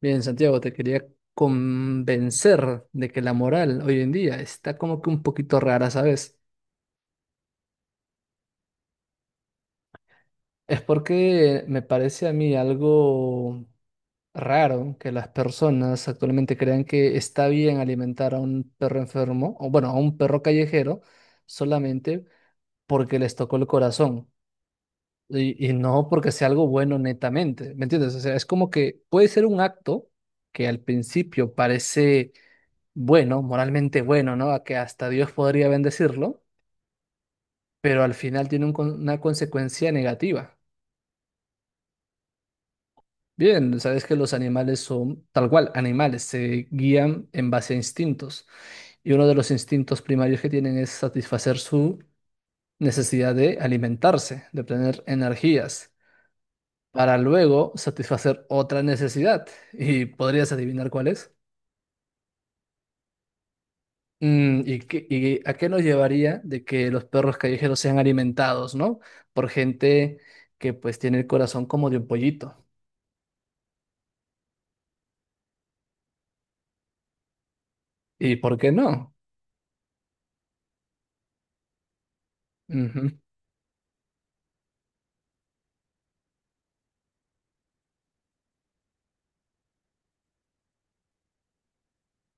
Bien, Santiago, te quería convencer de que la moral hoy en día está como que un poquito rara, ¿sabes? Es porque me parece a mí algo raro que las personas actualmente crean que está bien alimentar a un perro enfermo, o bueno, a un perro callejero, solamente porque les tocó el corazón y no porque sea algo bueno netamente, ¿me entiendes? O sea, es como que puede ser un acto que al principio parece bueno, moralmente bueno, ¿no? A que hasta Dios podría bendecirlo, pero al final tiene una consecuencia negativa. Bien, sabes que los animales son tal cual, animales, se guían en base a instintos. Y uno de los instintos primarios que tienen es satisfacer su necesidad de alimentarse, de obtener energías, para luego satisfacer otra necesidad. ¿Y podrías adivinar cuál es? ¿ Y a qué nos llevaría de que los perros callejeros sean alimentados, ¿no? Por gente que pues tiene el corazón como de un pollito. ¿Y por qué no? Ujú,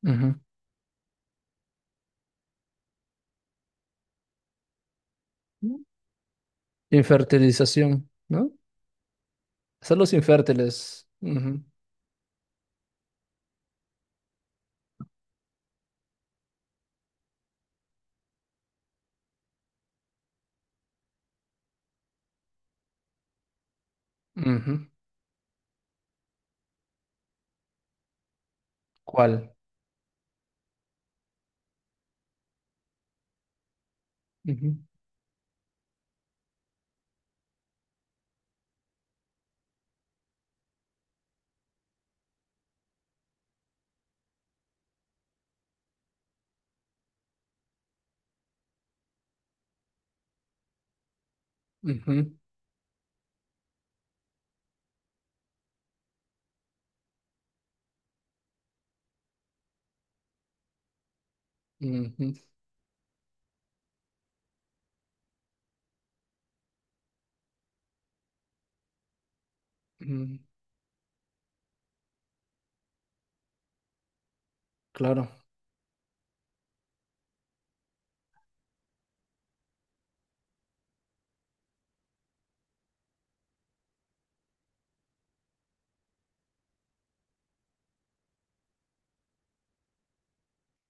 ujú. Infertilización, ¿no? Son los infértiles. Ujú, ujú. ¿Cuál? Ujú, ujú, ujú, ujú. Claro.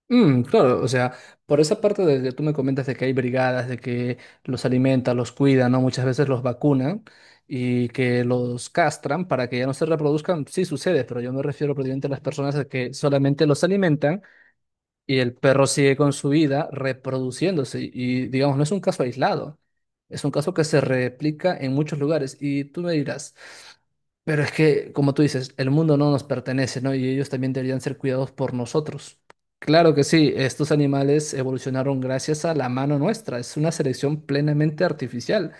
Mm, claro, o sea, por esa parte de que tú me comentas de que hay brigadas, de que los alimenta, los cuida, ¿no? Muchas veces los vacunan y que los castran para que ya no se reproduzcan, sí sucede, pero yo me refiero prácticamente a las personas a que solamente los alimentan y el perro sigue con su vida reproduciéndose. Y digamos, no es un caso aislado. Es un caso que se replica en muchos lugares. Y tú me dirás, pero es que, como tú dices, el mundo no nos pertenece, ¿no? Y ellos también deberían ser cuidados por nosotros. Claro que sí, estos animales evolucionaron gracias a la mano nuestra. Es una selección plenamente artificial.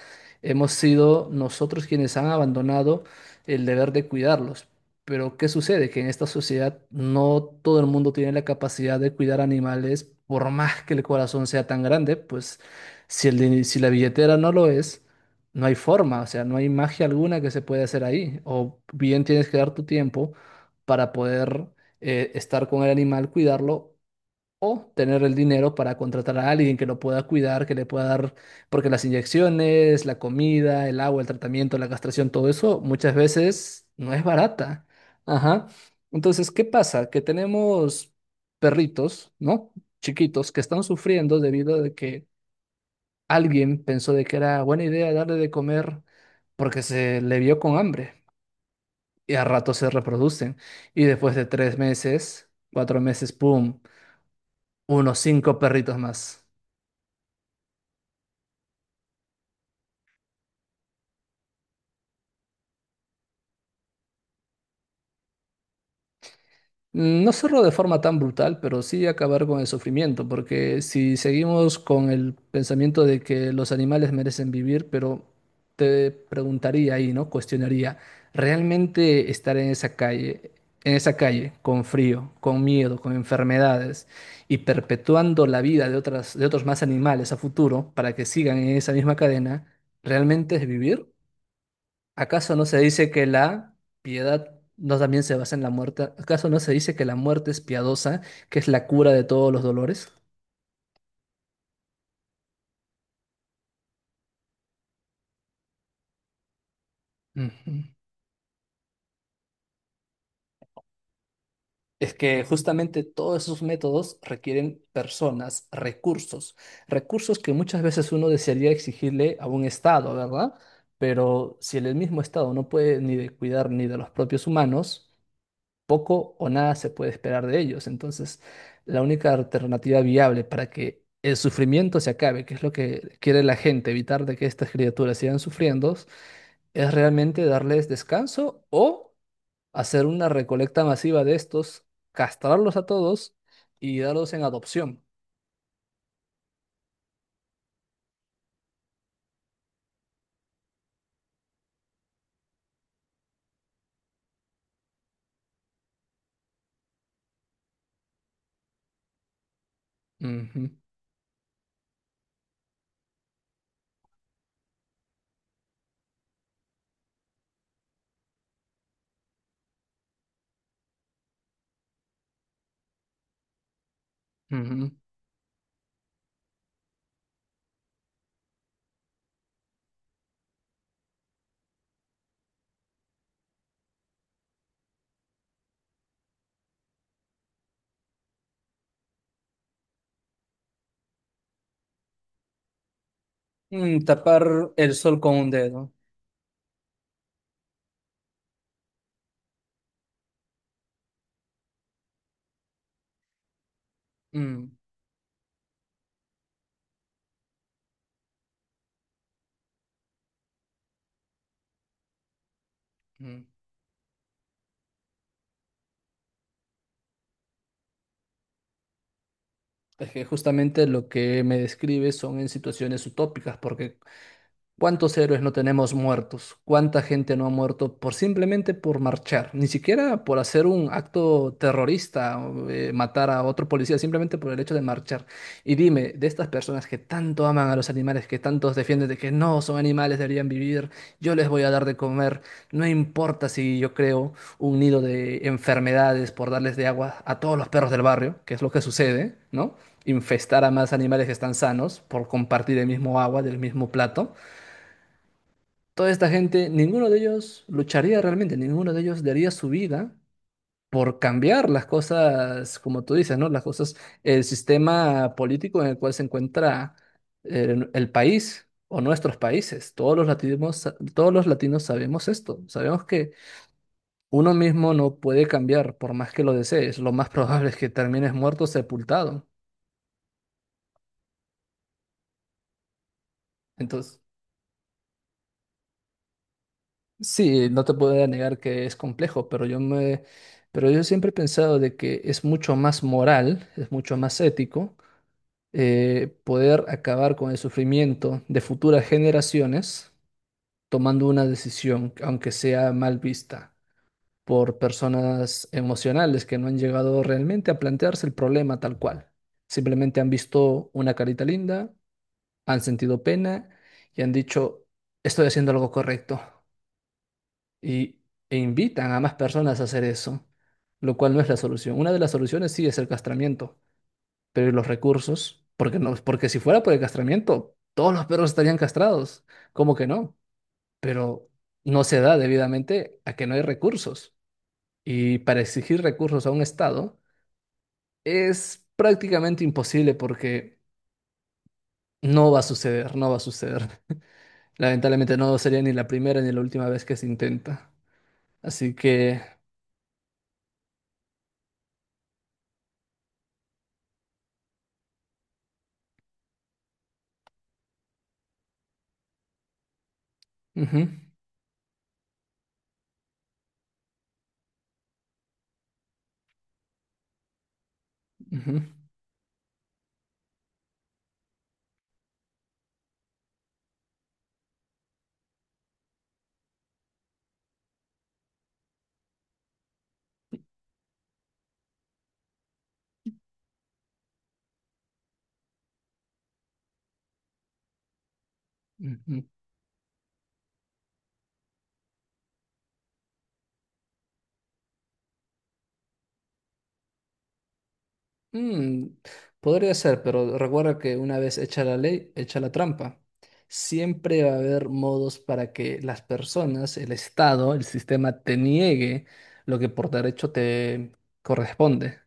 Hemos sido nosotros quienes han abandonado el deber de cuidarlos. Pero ¿qué sucede? Que en esta sociedad no todo el mundo tiene la capacidad de cuidar animales, por más que el corazón sea tan grande, pues si, si la billetera no lo es, no hay forma, o sea, no hay magia alguna que se pueda hacer ahí. O bien tienes que dar tu tiempo para poder estar con el animal, cuidarlo o tener el dinero para contratar a alguien que lo pueda cuidar, que le pueda dar, porque las inyecciones, la comida, el agua, el tratamiento, la castración, todo eso muchas veces no es barata. Ajá. Entonces, ¿qué pasa? Que tenemos perritos, ¿no? Chiquitos que están sufriendo debido a que alguien pensó de que era buena idea darle de comer porque se le vio con hambre y a rato se reproducen. Y después de 3 meses, 4 meses, ¡pum! Unos cinco perritos más. No cerró de forma tan brutal, pero sí acabar con el sufrimiento, porque si seguimos con el pensamiento de que los animales merecen vivir, pero te preguntaría ahí, ¿no? Cuestionaría, ¿realmente estar en esa calle, con frío, con miedo, con enfermedades y perpetuando la vida de otros más animales a futuro para que sigan en esa misma cadena, ¿realmente es vivir? ¿Acaso no se dice que la piedad no también se basa en la muerte? ¿Acaso no se dice que la muerte es piadosa, que es la cura de todos los dolores? Ujú. Es que justamente todos esos métodos requieren personas, recursos, recursos que muchas veces uno desearía exigirle a un Estado, ¿verdad? Pero si el mismo Estado no puede ni de cuidar ni de los propios humanos, poco o nada se puede esperar de ellos. Entonces, la única alternativa viable para que el sufrimiento se acabe, que es lo que quiere la gente, evitar de que estas criaturas sigan sufriendo, es realmente darles descanso o hacer una recolecta masiva de estos, castrarlos a todos y darlos en adopción. Ujú, ujú. Tapar el sol con un dedo. Mm, mm. Es que justamente lo que me describe son en situaciones utópicas, porque ¿cuántos héroes no tenemos muertos? ¿Cuánta gente no ha muerto por simplemente por marchar? Ni siquiera por hacer un acto terrorista, o, matar a otro policía, simplemente por el hecho de marchar. Y dime, de estas personas que tanto aman a los animales, que tantos defienden de que no son animales, deberían vivir, yo les voy a dar de comer, no importa si yo creo un nido de enfermedades por darles de agua a todos los perros del barrio, que es lo que sucede, ¿no? Infestar a más animales que están sanos por compartir el mismo agua del mismo plato. Toda esta gente, ninguno de ellos lucharía realmente, ninguno de ellos daría su vida por cambiar las cosas, como tú dices, ¿no? Las cosas, el sistema político en el cual se encuentra el país o nuestros países. Todos los latinos sabemos esto, sabemos que uno mismo no puede cambiar por más que lo desees. Lo más probable es que termines muerto, sepultado. Entonces, sí, no te puedo negar que es complejo, pero yo siempre he pensado de que es mucho más moral, es mucho más ético poder acabar con el sufrimiento de futuras generaciones tomando una decisión, aunque sea mal vista por personas emocionales que no han llegado realmente a plantearse el problema tal cual. Simplemente han visto una carita linda, han sentido pena y han dicho, estoy haciendo algo correcto y, e invitan a más personas a hacer eso, lo cual no es la solución. Una de las soluciones sí es el castramiento, pero ¿y los recursos? Porque no, porque si fuera por el castramiento, todos los perros estarían castrados. ¿Cómo que no? Pero no se da debidamente a que no hay recursos. Y para exigir recursos a un Estado es prácticamente imposible porque no va a suceder, no va a suceder. Lamentablemente no sería ni la primera ni la última vez que se intenta. Así que... ujú, ujú, ujú. Mm, Podría ser, pero recuerda que una vez hecha la ley, hecha la trampa. Siempre va a haber modos para que las personas, el Estado, el sistema te niegue lo que por derecho te corresponde.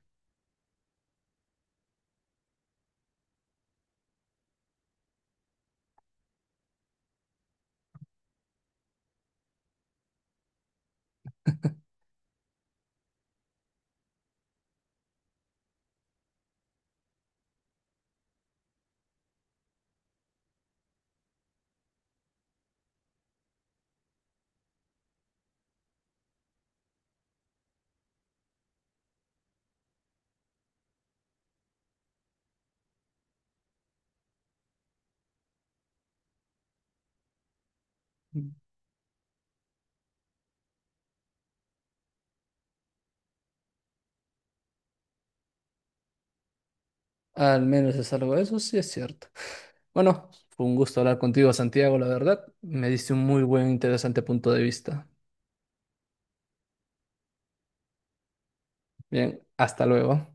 Al menos es algo, eso sí es cierto. Bueno, fue un gusto hablar contigo, Santiago, la verdad. Me diste un muy buen, interesante punto de vista. Bien, hasta luego.